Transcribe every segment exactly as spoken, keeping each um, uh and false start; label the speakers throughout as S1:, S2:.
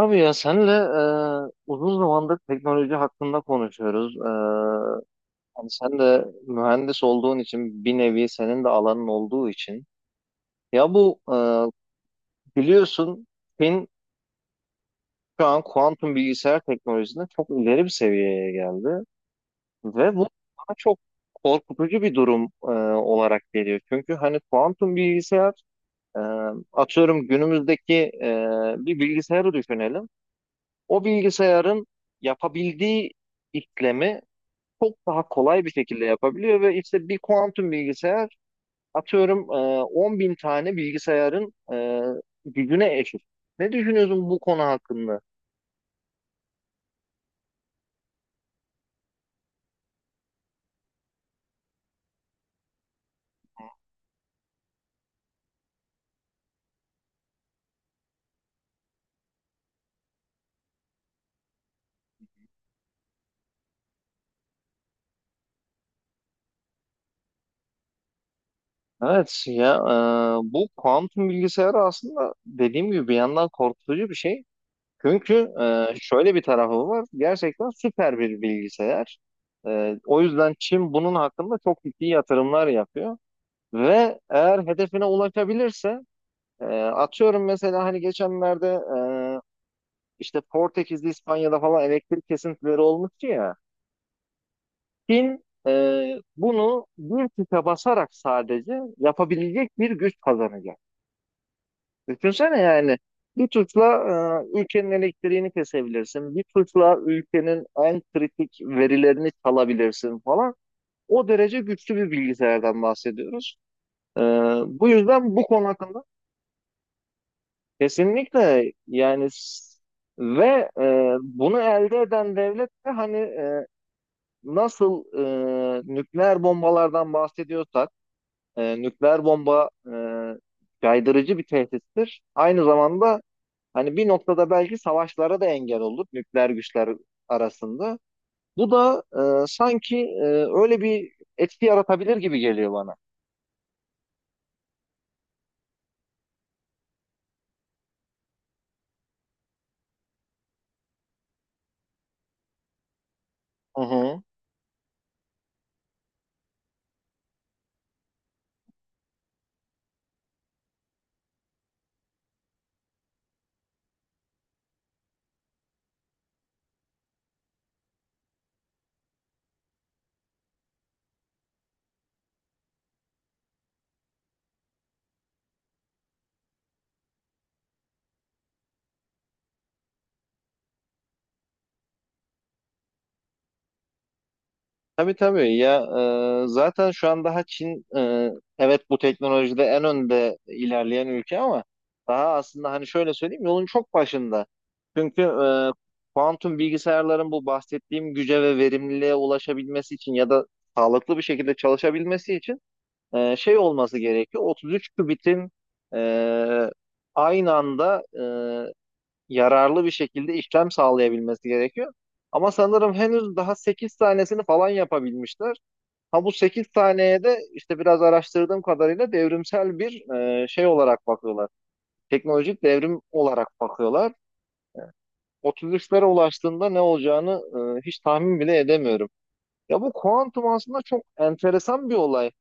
S1: Abi ya senle e, uzun zamandır teknoloji hakkında konuşuyoruz. E, hani sen de mühendis olduğun için bir nevi senin de alanın olduğu için. Ya bu e, biliyorsun Çin şu an kuantum bilgisayar teknolojisinde çok ileri bir seviyeye geldi. Ve bu bana çok korkutucu bir durum e, olarak geliyor. Çünkü hani kuantum bilgisayar, e, atıyorum günümüzdeki e, bir bilgisayarı düşünelim. o bilgisayarın yapabildiği işlemi çok daha kolay bir şekilde yapabiliyor ve işte bir kuantum bilgisayar atıyorum on bin tane bilgisayarın e, gücüne eşit. Ne düşünüyorsun bu konu hakkında? Evet ya, e, bu kuantum bilgisayarı aslında dediğim gibi bir yandan korkutucu bir şey. Çünkü e, şöyle bir tarafı var. Gerçekten süper bir bilgisayar. E, o yüzden Çin bunun hakkında çok ciddi yatırımlar yapıyor. Ve eğer hedefine ulaşabilirse, e, atıyorum mesela hani geçenlerde, e, işte Portekiz'de, İspanya'da falan elektrik kesintileri olmuştu ya. Çin e, bunu bir tuşa basarak sadece yapabilecek bir güç kazanacak. Düşünsene yani, bir tuşla e, ülkenin elektriğini kesebilirsin. Bir tuşla ülkenin en kritik verilerini çalabilirsin falan. O derece güçlü bir bilgisayardan bahsediyoruz. E, Bu yüzden bu konu hakkında kesinlikle yani. S- ve e, bunu elde eden devlet de hani, e, nasıl e, nükleer bombalardan bahsediyorsak, e, nükleer bomba e, caydırıcı bir tehdittir. Aynı zamanda hani bir noktada belki savaşlara da engel olur nükleer güçler arasında. Bu da e, sanki e, öyle bir etki yaratabilir gibi geliyor bana. Hı hı. Tabii tabii ya, e, zaten şu an daha Çin, e, evet bu teknolojide en önde ilerleyen ülke, ama daha aslında hani şöyle söyleyeyim, yolun çok başında. Çünkü e, kuantum bilgisayarların bu bahsettiğim güce ve verimliliğe ulaşabilmesi için ya da sağlıklı bir şekilde çalışabilmesi için e, şey olması gerekiyor. otuz üç kübitin e, aynı anda e, yararlı bir şekilde işlem sağlayabilmesi gerekiyor. Ama sanırım henüz daha sekiz tanesini falan yapabilmişler. Ha, bu sekiz taneye de işte biraz araştırdığım kadarıyla devrimsel bir e, şey olarak bakıyorlar. Teknolojik devrim olarak bakıyorlar. otuz üçlere ulaştığında ne olacağını e, hiç tahmin bile edemiyorum. Ya bu kuantum aslında çok enteresan bir olay.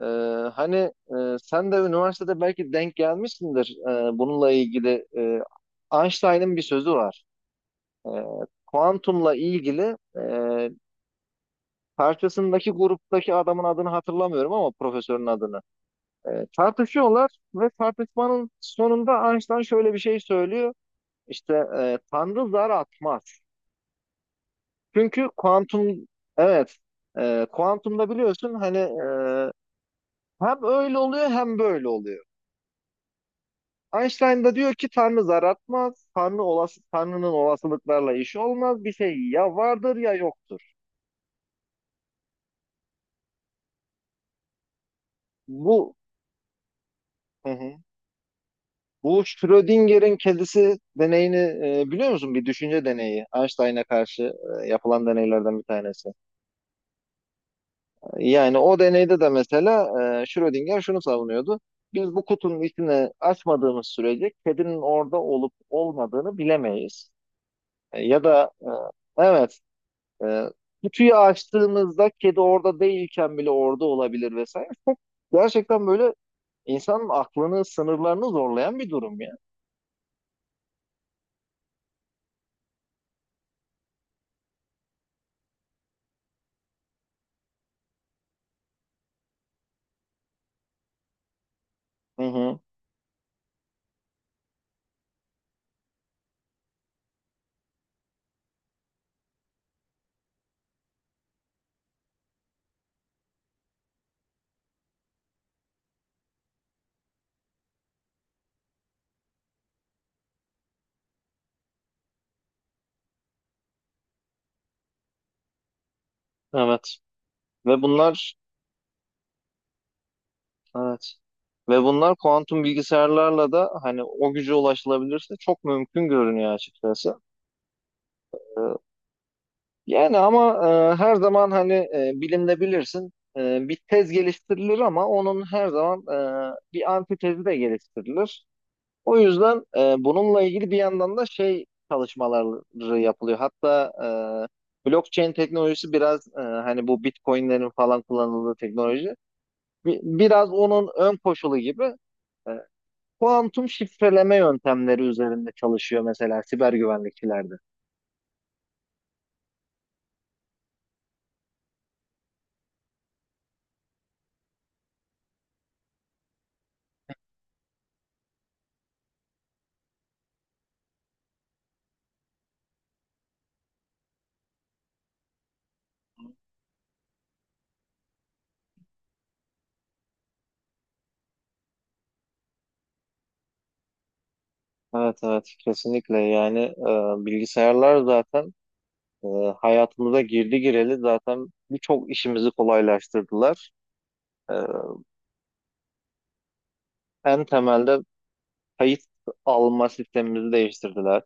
S1: E, Hani, e, sen de üniversitede belki denk gelmişsindir e, bununla ilgili. E, Einstein'ın bir sözü var. E, Kuantumla ilgili, e, karşısındaki gruptaki adamın adını hatırlamıyorum ama profesörün adını. E, tartışıyorlar ve tartışmanın sonunda Einstein şöyle bir şey söylüyor. İşte, e, Tanrı zar atmaz. Çünkü kuantum, evet, e, kuantumda biliyorsun hani, e, hem öyle oluyor hem böyle oluyor. Einstein da diyor ki Tanrı zar atmaz. Tanrı olası, Tanrı'nın olasılıklarla işi olmaz. Bir şey ya vardır ya yoktur. Bu Hı hı. Bu Schrödinger'in kedisi deneyini e, biliyor musun? Bir düşünce deneyi. Einstein'a karşı e, yapılan deneylerden bir tanesi. Yani o deneyde de mesela, e, Schrödinger şunu savunuyordu. Biz bu kutunun içine açmadığımız sürece kedinin orada olup olmadığını bilemeyiz. E, ya da, e, evet, e, kutuyu açtığımızda kedi orada değilken bile orada olabilir vesaire. Gerçekten böyle, İnsanın aklını, sınırlarını zorlayan bir durum ya. Hı hı. Evet. Ve bunlar Evet. Ve bunlar kuantum bilgisayarlarla da hani o güce ulaşılabilirse çok mümkün görünüyor açıkçası. Ee, Yani ama, e, her zaman hani, e, bilimde bilirsin, e, bir tez geliştirilir ama onun her zaman e, bir antitezi de geliştirilir. O yüzden, e, bununla ilgili bir yandan da şey çalışmaları yapılıyor. Hatta e, blockchain teknolojisi biraz, e, hani bu Bitcoin'lerin falan kullanıldığı teknoloji, bi- biraz onun ön koşulu gibi, e, kuantum şifreleme yöntemleri üzerinde çalışıyor mesela siber güvenlikçilerde. Evet, evet, kesinlikle yani, e, bilgisayarlar zaten, e, hayatımıza girdi gireli zaten birçok işimizi kolaylaştırdılar. E, En temelde kayıt alma sistemimizi değiştirdiler.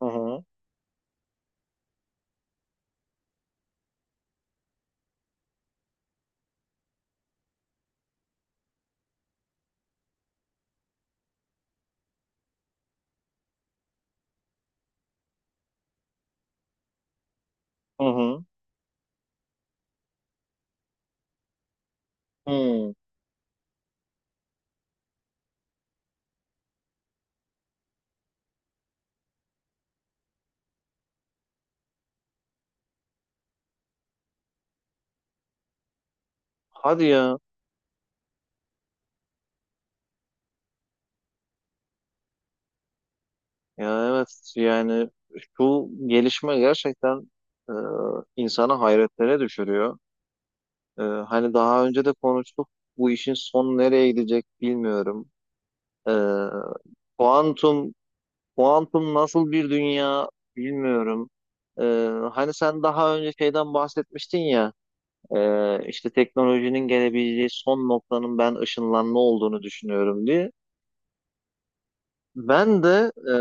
S1: Hı hı. Hı hı. Hı. Hadi ya. Ya evet yani, şu gelişme gerçekten e, insanı hayretlere düşürüyor. E, hani daha önce de konuştuk. Bu işin sonu nereye gidecek bilmiyorum. E, kuantum kuantum nasıl bir dünya bilmiyorum. E, Hani sen daha önce şeyden bahsetmiştin ya. Ee, işte teknolojinin gelebileceği son noktanın ben ışınlanma olduğunu düşünüyorum diye. Ben de e,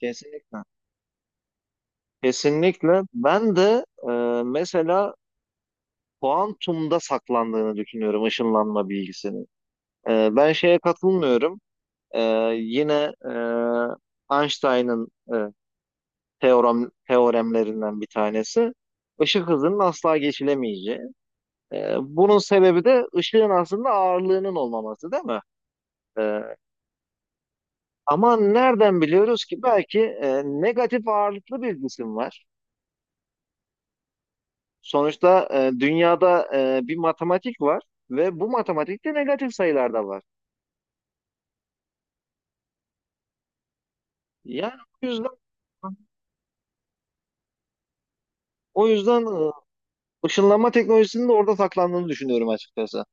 S1: Kesinlikle, kesinlikle, ben de e, mesela kuantumda saklandığını düşünüyorum ışınlanma bilgisinin. E, ben şeye katılmıyorum. E, Yine, e, Einstein'ın e, teorem teoremlerinden bir tanesi. Işık hızının asla geçilemeyeceği. E, bunun sebebi de ışığın aslında ağırlığının olmaması, değil mi? E, Ama nereden biliyoruz ki belki e, negatif ağırlıklı bir cisim var. Sonuçta, e, dünyada e, bir matematik var ve bu matematikte negatif sayılar da var. Yani o yüzden o yüzden e, ışınlanma teknolojisinin de orada saklandığını düşünüyorum açıkçası.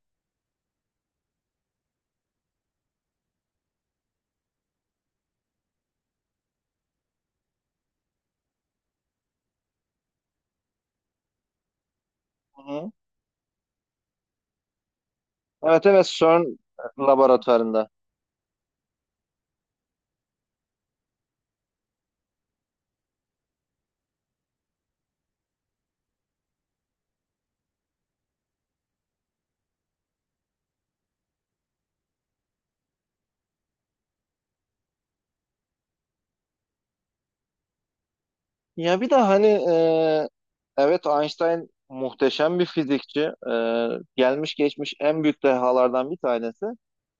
S1: Hı hı. Evet, evet, CERN laboratuvarında. Ya bir de hani, e, evet Einstein muhteşem bir fizikçi. E, Gelmiş geçmiş en büyük dehalardan bir tanesi.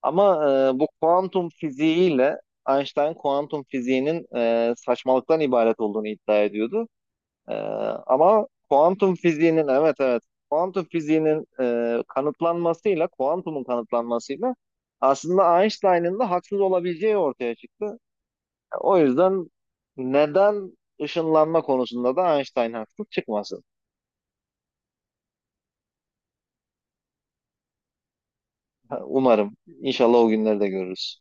S1: Ama, e, bu kuantum fiziğiyle Einstein kuantum fiziğinin e, saçmalıktan ibaret olduğunu iddia ediyordu. E, Ama kuantum fiziğinin, evet, evet, kuantum fiziğinin e, kanıtlanmasıyla kuantumun kanıtlanmasıyla aslında Einstein'ın da haksız olabileceği ortaya çıktı. O yüzden neden ışınlanma konusunda da Einstein haksız çıkmasın? Ha, umarım. İnşallah o günleri de görürüz.